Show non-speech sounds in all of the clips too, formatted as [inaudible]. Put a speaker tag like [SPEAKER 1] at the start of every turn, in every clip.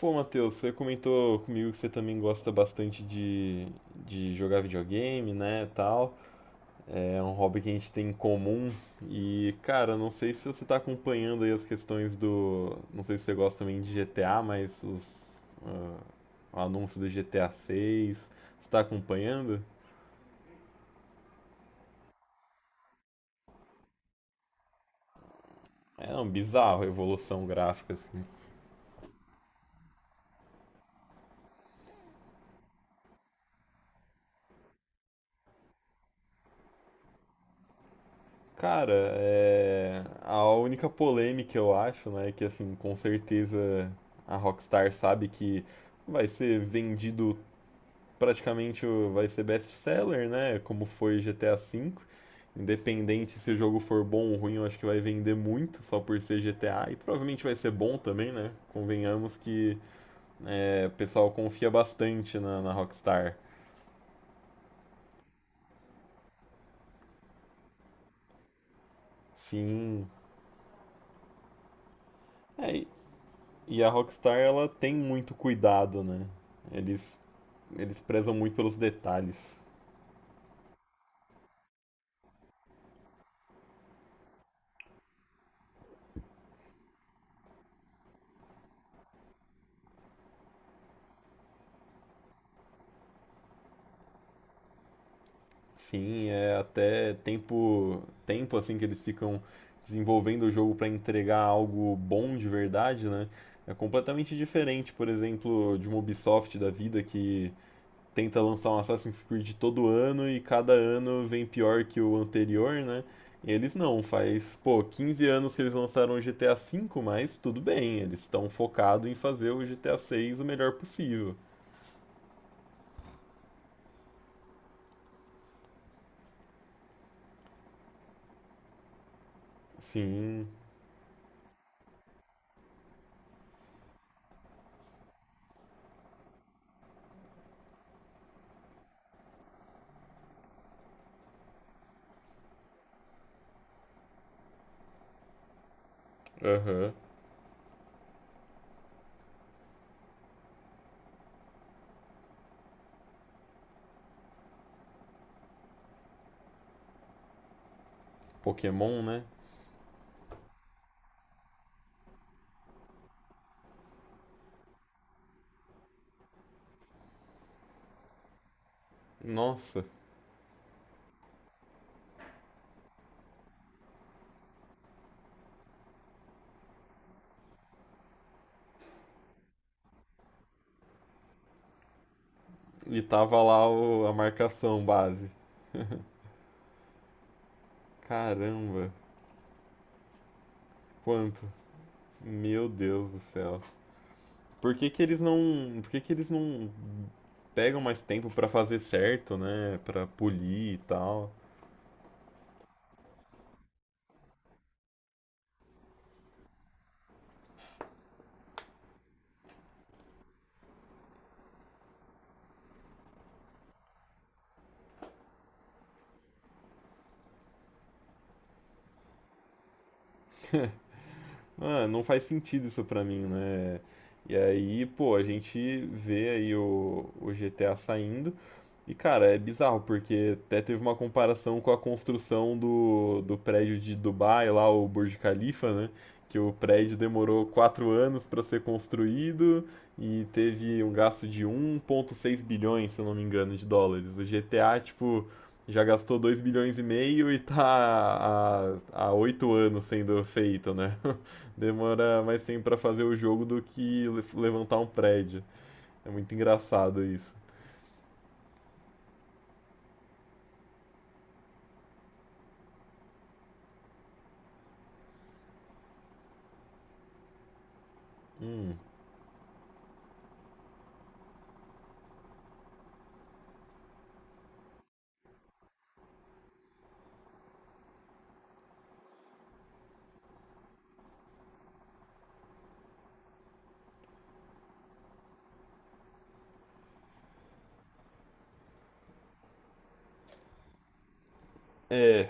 [SPEAKER 1] Pô, Matheus, você comentou comigo que você também gosta bastante de jogar videogame, né, tal. É um hobby que a gente tem em comum. E, cara, não sei se você tá acompanhando aí. Não sei se você gosta também de GTA. Ah, o anúncio do GTA 6. Você tá acompanhando? É um bizarro a evolução gráfica, assim. Cara, a única polêmica eu acho, né, é que assim, com certeza a Rockstar sabe que vai ser vendido praticamente, vai ser best-seller, né, como foi GTA V. Independente se o jogo for bom ou ruim, eu acho que vai vender muito só por ser GTA e provavelmente vai ser bom também, né? Convenhamos que o pessoal confia bastante na, Rockstar. Sim. É, E a Rockstar, ela tem muito cuidado, né? Eles, eles prezam muito pelos detalhes. Sim, é até tempo assim que eles ficam desenvolvendo o jogo para entregar algo bom de verdade, né? É completamente diferente, por exemplo, de uma Ubisoft da vida que tenta lançar um Assassin's Creed todo ano e cada ano vem pior que o anterior, né? E eles não, faz, pô, 15 anos que eles lançaram o GTA V, mas tudo bem, eles estão focados em fazer o GTA VI o melhor possível. Sim, aham. Pokémon, né? Nossa. E tava lá a marcação base. Caramba, quanto? Meu Deus do céu. Por que que eles não, por que que eles não pegam mais tempo pra fazer certo, né? Pra polir e tal. Ah, não faz sentido isso pra mim, né? E aí, pô, a gente vê aí o GTA saindo. E, cara, é bizarro, porque até teve uma comparação com a construção do prédio de Dubai, lá, o Burj Khalifa, né? Que o prédio demorou 4 anos para ser construído e teve um gasto de 1,6 bilhões, se eu não me engano, de dólares. O GTA, tipo, já gastou 2,5 bilhões e tá há 8 anos sendo feito, né? [laughs] Demora mais tempo pra fazer o jogo do que levantar um prédio. É muito engraçado isso. Hum. É,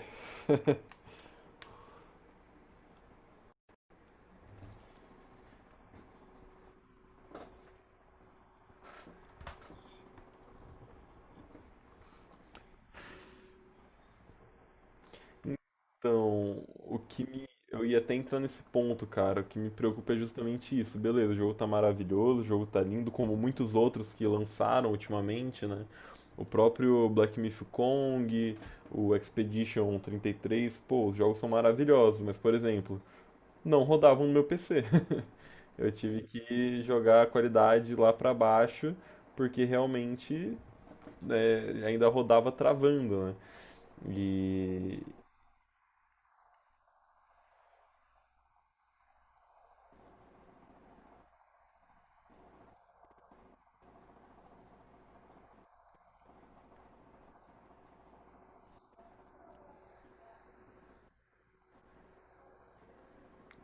[SPEAKER 1] então, o que me. eu ia até entrar nesse ponto, cara. O que me preocupa é justamente isso. Beleza, o jogo tá maravilhoso, o jogo tá lindo, como muitos outros que lançaram ultimamente, né? O próprio Black Myth Kong, o Expedition 33, pô, os jogos são maravilhosos, mas, por exemplo, não rodavam no meu PC. Eu tive que jogar a qualidade lá pra baixo, porque realmente, né, ainda rodava travando, né? E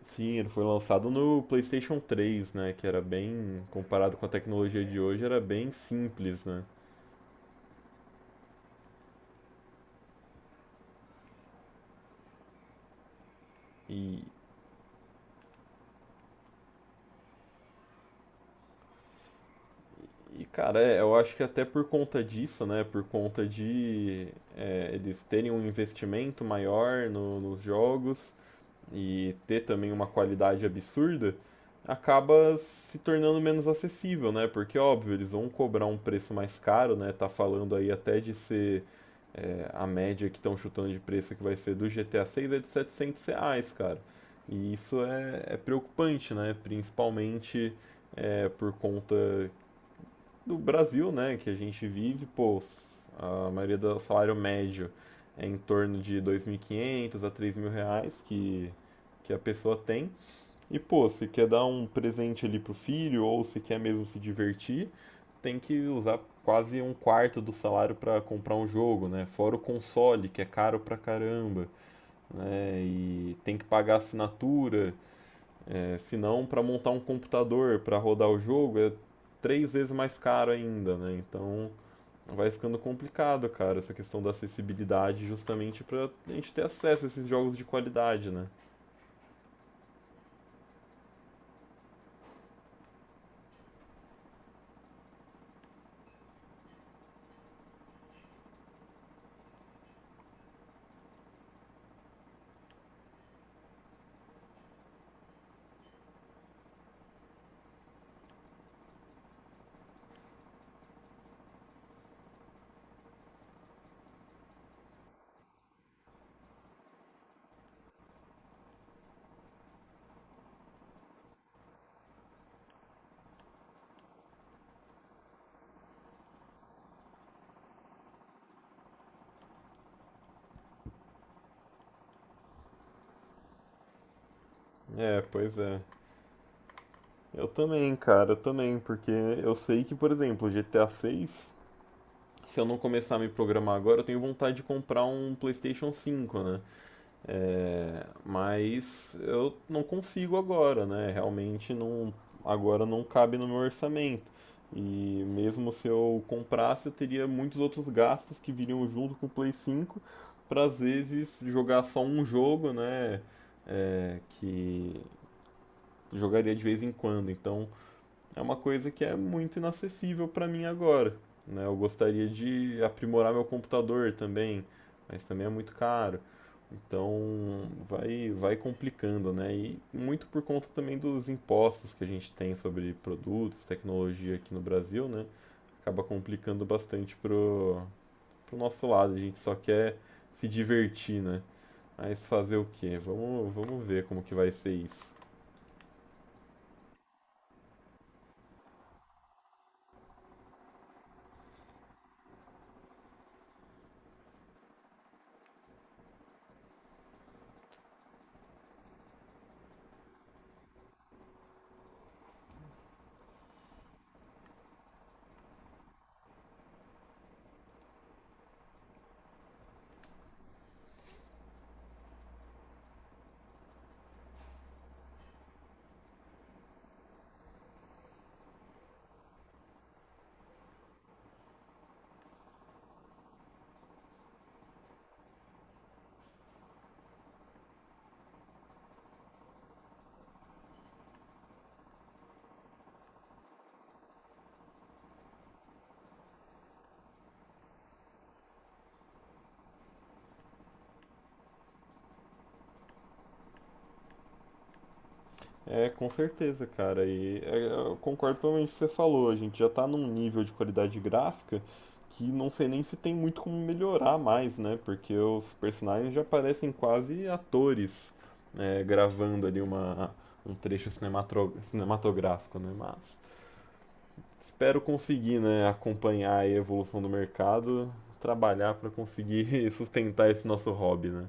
[SPEAKER 1] sim, ele foi lançado no PlayStation 3, né? Que era bem, comparado com a tecnologia de hoje, era bem simples, né? E, e cara, eu acho que até por conta disso, né? Por conta de eles terem um investimento maior nos jogos e ter também uma qualidade absurda, acaba se tornando menos acessível, né? Porque, óbvio, eles vão cobrar um preço mais caro, né? Tá falando aí até de ser a média que estão chutando de preço que vai ser do GTA 6 é de R$ 700, cara. E isso é preocupante, né? Principalmente por conta do Brasil, né, que a gente vive, pô, a maioria do salário médio é em torno de 2.500 a 3.000 reais que a pessoa tem. E, pô, se quer dar um presente ali pro filho ou se quer mesmo se divertir, tem que usar quase um quarto do salário para comprar um jogo, né? Fora o console, que é caro pra caramba, né? E tem que pagar assinatura, senão para montar um computador para rodar o jogo é três vezes mais caro ainda, né? Então vai ficando complicado, cara, essa questão da acessibilidade, justamente pra gente ter acesso a esses jogos de qualidade, né? É, pois é. Eu também, cara, eu também, porque eu sei que, por exemplo, GTA 6, se eu não começar a me programar agora, eu tenho vontade de comprar um PlayStation 5, né? Mas eu não consigo agora, né? Realmente não, agora não cabe no meu orçamento. E mesmo se eu comprasse, eu teria muitos outros gastos que viriam junto com o Play 5 para às vezes jogar só um jogo, né? É, que jogaria de vez em quando. Então é uma coisa que é muito inacessível para mim agora, né? Eu gostaria de aprimorar meu computador também, mas também é muito caro. Então vai complicando, né? E muito por conta também dos impostos que a gente tem sobre produtos, tecnologia aqui no Brasil, né? Acaba complicando bastante pro nosso lado. A gente só quer se divertir, né? Mas fazer o quê? Vamos ver como que vai ser isso. É, com certeza, cara. E eu concordo plenamente com o que você falou. A gente já tá num nível de qualidade gráfica que não sei nem se tem muito como melhorar mais, né? Porque os personagens já parecem quase atores, né, gravando ali um trecho cinematográfico, né? Mas espero conseguir, né, acompanhar aí a evolução do mercado, trabalhar para conseguir [laughs] sustentar esse nosso hobby, né?